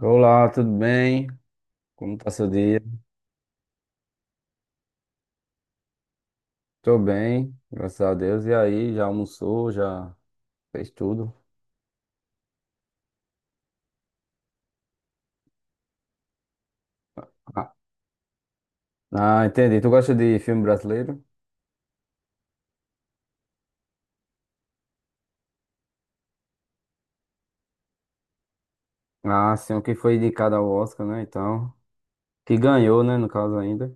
Olá, tudo bem? Como tá seu dia? Tô bem, graças a Deus. E aí, já almoçou, já fez tudo? Ah, entendi. Tu gosta de filme brasileiro? Ah, sim, o que foi indicado ao Oscar, né? Então, que ganhou, né, no caso ainda.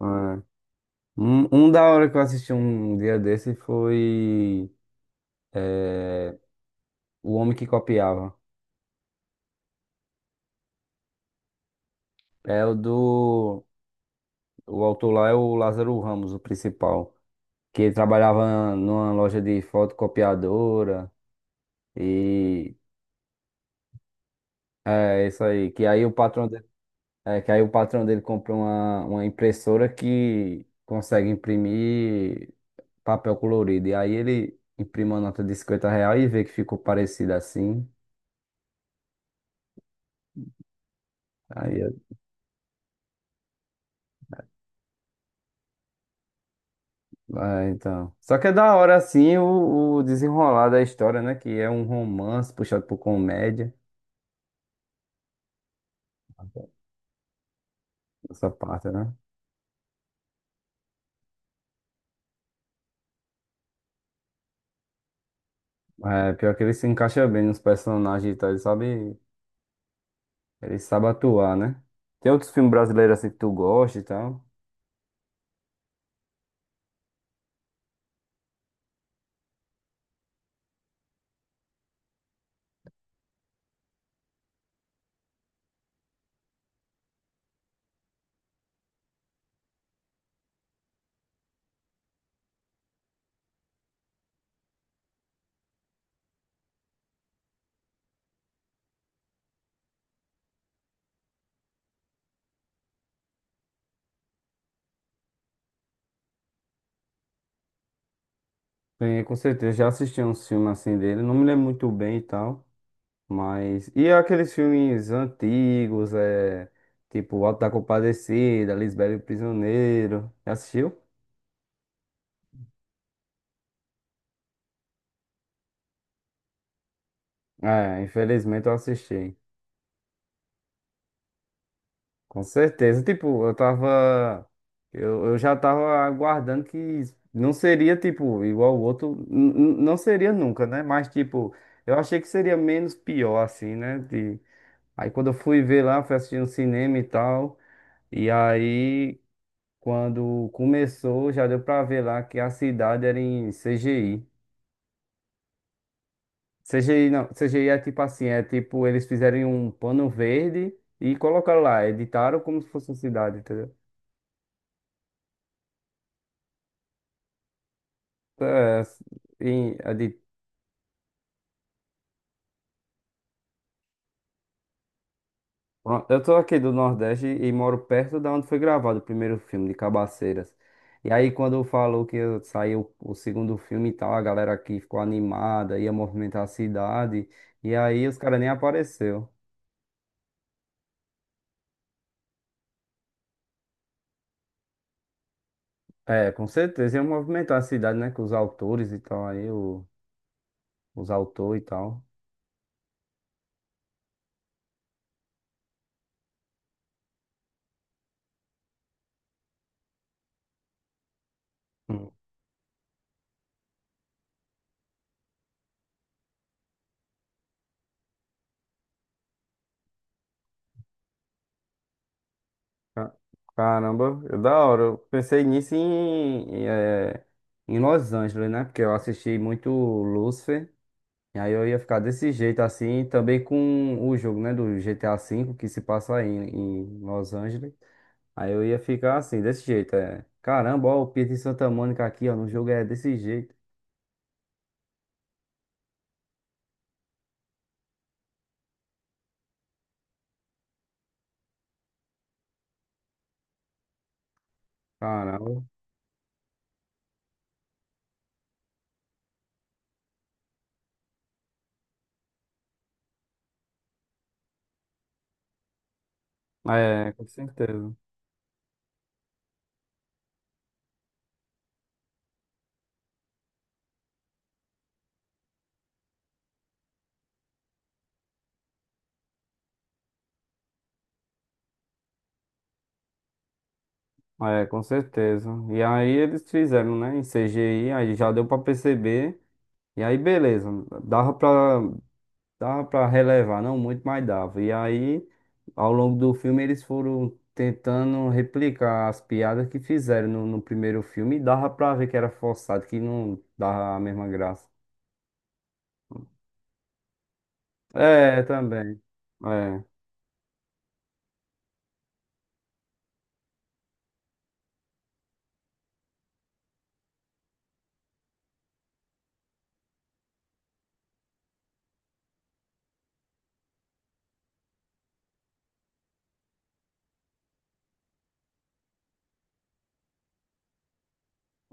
Ah, um da hora que eu assisti um dia desse foi O Homem que Copiava. É o do... O autor lá é o Lázaro Ramos, o principal, que ele trabalhava numa loja de fotocopiadora e... É isso aí. Que aí o patrão dele comprou uma impressora que consegue imprimir papel colorido. E aí ele imprime uma nota de 50 reais e vê que ficou parecido assim. Aí, é, então. Só que é da hora assim o desenrolar da história, né? Que é um romance puxado por comédia. Essa parte, né? É, pior que ele se encaixa bem nos personagens e tal. Ele sabe atuar, né? Tem outros filmes brasileiros assim que tu gosta e tal. Sim, com certeza. Já assisti uns filmes assim dele. Não me lembro muito bem e tal. Mas. E aqueles filmes antigos, é. Tipo, O Auto da Compadecida, Lisbela e o Prisioneiro. Já assistiu? É, infelizmente eu assisti. Com certeza. Tipo, eu tava. Eu já tava aguardando que não seria, tipo, igual o outro. Não seria nunca, né? Mas, tipo, eu achei que seria menos pior, assim, né? De... Aí quando eu fui ver lá, fui assistir no cinema e tal. E aí, quando começou, já deu pra ver lá que a cidade era em CGI. CGI não, CGI é tipo assim, é tipo, eles fizeram um pano verde e colocaram lá, editaram como se fosse uma cidade, entendeu? É, assim, em- é de- pronto, eu tô aqui do Nordeste e moro perto da onde foi gravado o primeiro filme de Cabaceiras. E aí, quando falou que saiu o segundo filme e tal, a galera aqui ficou animada, ia movimentar a cidade. E aí, os caras nem apareceu. É, com certeza ia movimentar a cidade, né? Com os autores e tal, aí, o, os autores e tal. Hum. Ca- Caramba, é da hora. Eu pensei nisso em Los Angeles, né? Porque eu assisti muito Lucifer. E aí eu ia ficar desse jeito assim, e também com o jogo, né? Do GTA V que se passa aí em Los Angeles. Aí eu ia ficar assim, desse jeito. É. Caramba, ó, o Pietro em Santa Mônica aqui, ó. No jogo é desse jeito. Caramba. É, com certeza. É, com certeza. E aí eles fizeram, né, em CGI, aí já deu pra perceber. E aí beleza, dava pra dava para relevar, não muito, mas dava. E aí ao longo do filme eles foram tentando replicar as piadas que fizeram no primeiro filme e dava pra ver que era forçado, que não dava a mesma graça. É, também.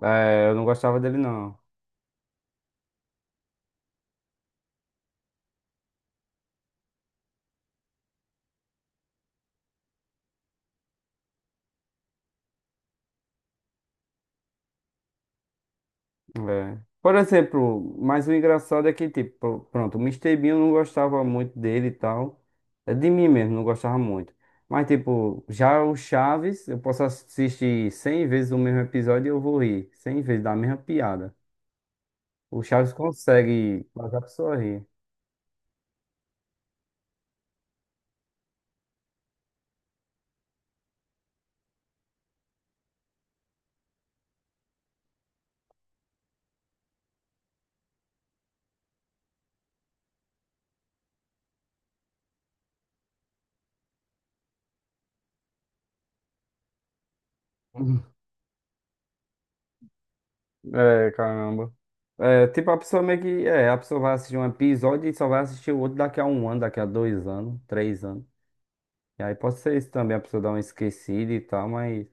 Eu não gostava dele não. É. Por exemplo, mas o engraçado é que, tipo, pronto, o Mr. Bean eu não gostava muito dele e tal. É de mim mesmo, não gostava muito. Mas, tipo, já o Chaves, eu posso assistir 100 vezes o mesmo episódio e eu vou rir. Cem vezes da mesma piada. O Chaves consegue fazer a pessoa rir. É, caramba. É, tipo, a pessoa meio que. É, a pessoa vai assistir um episódio e só vai assistir o outro daqui a um ano, daqui a dois anos, três anos. E aí pode ser isso também, a pessoa dá uma esquecida e tal, mas.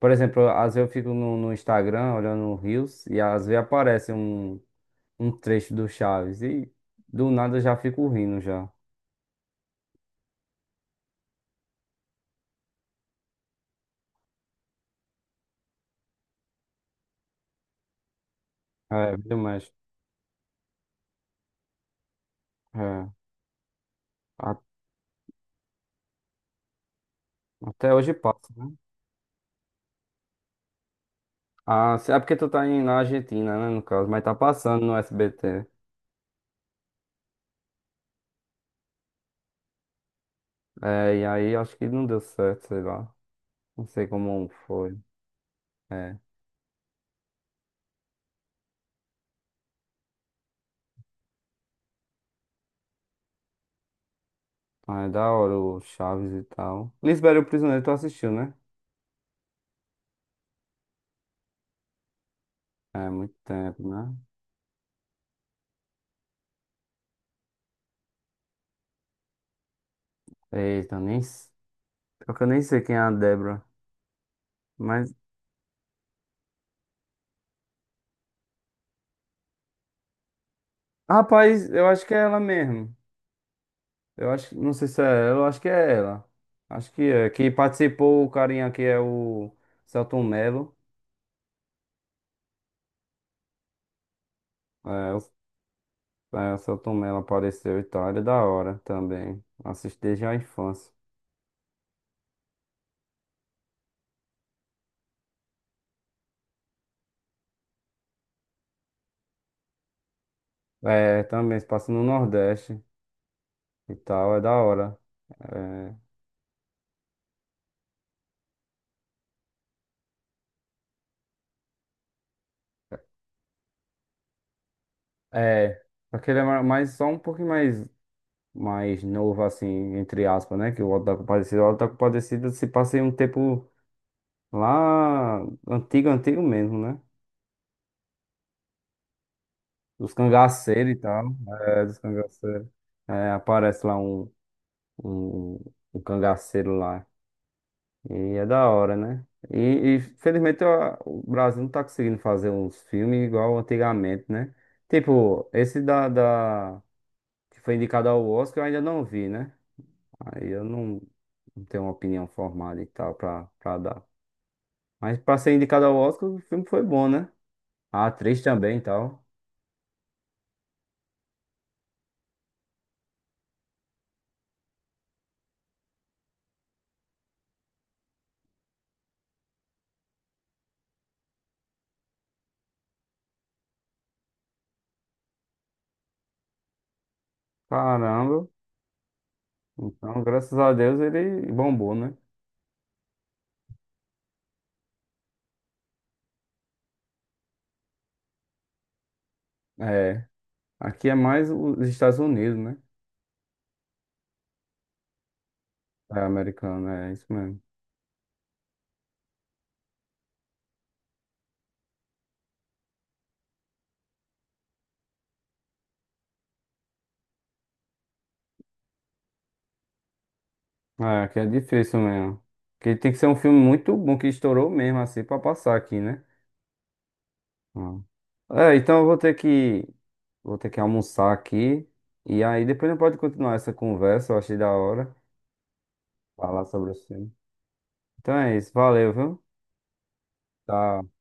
Por exemplo, às vezes eu fico no Instagram olhando o Reels e às vezes aparece um, um trecho do Chaves e do nada eu já fico rindo já. É, viu, mas é, a- até hoje passa, né? É porque tu tá na Argentina, né, no caso, mas tá passando no SBT. É, e aí acho que não deu certo, sei lá. Não sei como foi. É, mas é da hora o Chaves e tal. Lisbela e o Prisioneiro tu assistiu, né? É, muito tempo, né? Eita, nem... s- Pior que eu nem sei quem é a Débora. Mas rapaz, eu acho que é ela mesmo. Eu acho, não sei se é ela, eu acho que é ela. Acho que é. Que participou o carinha aqui é o Celton Mello. É, o, o Selton Mello apareceu e tal. Ele é da hora também. Assisti desde a infância. É, também se passa no Nordeste e tal, é da hora. É, é. Só que ele é mais, só um pouquinho mais, mais novo, assim, entre aspas, né? Que o Auto da Compadecida. O Auto da Compadecida se passa em um tempo lá antigo, antigo mesmo, né? Dos cangaceiros e tal. É, dos cangaceiros. É, aparece lá um, um cangaceiro lá. E é da hora, né? Felizmente ó, o Brasil não tá conseguindo fazer uns filmes igual antigamente, né? Tipo, esse que foi indicado ao Oscar eu ainda não vi, né? Aí eu não, não tenho uma opinião formada e tal pra dar. Mas pra ser indicado ao Oscar, o filme foi bom, né? A atriz também e tal. Caramba. Então, graças a Deus ele bombou, né? É, aqui é mais os Estados Unidos, né? É americano, é isso mesmo. É, aqui é difícil mesmo. Porque tem que ser um filme muito bom que estourou mesmo, assim, pra passar aqui, né? Hum. É, então eu vou ter que almoçar aqui. E aí depois a gente pode continuar essa conversa, eu achei da hora falar sobre o filme. Então é isso, valeu, viu? Tchau.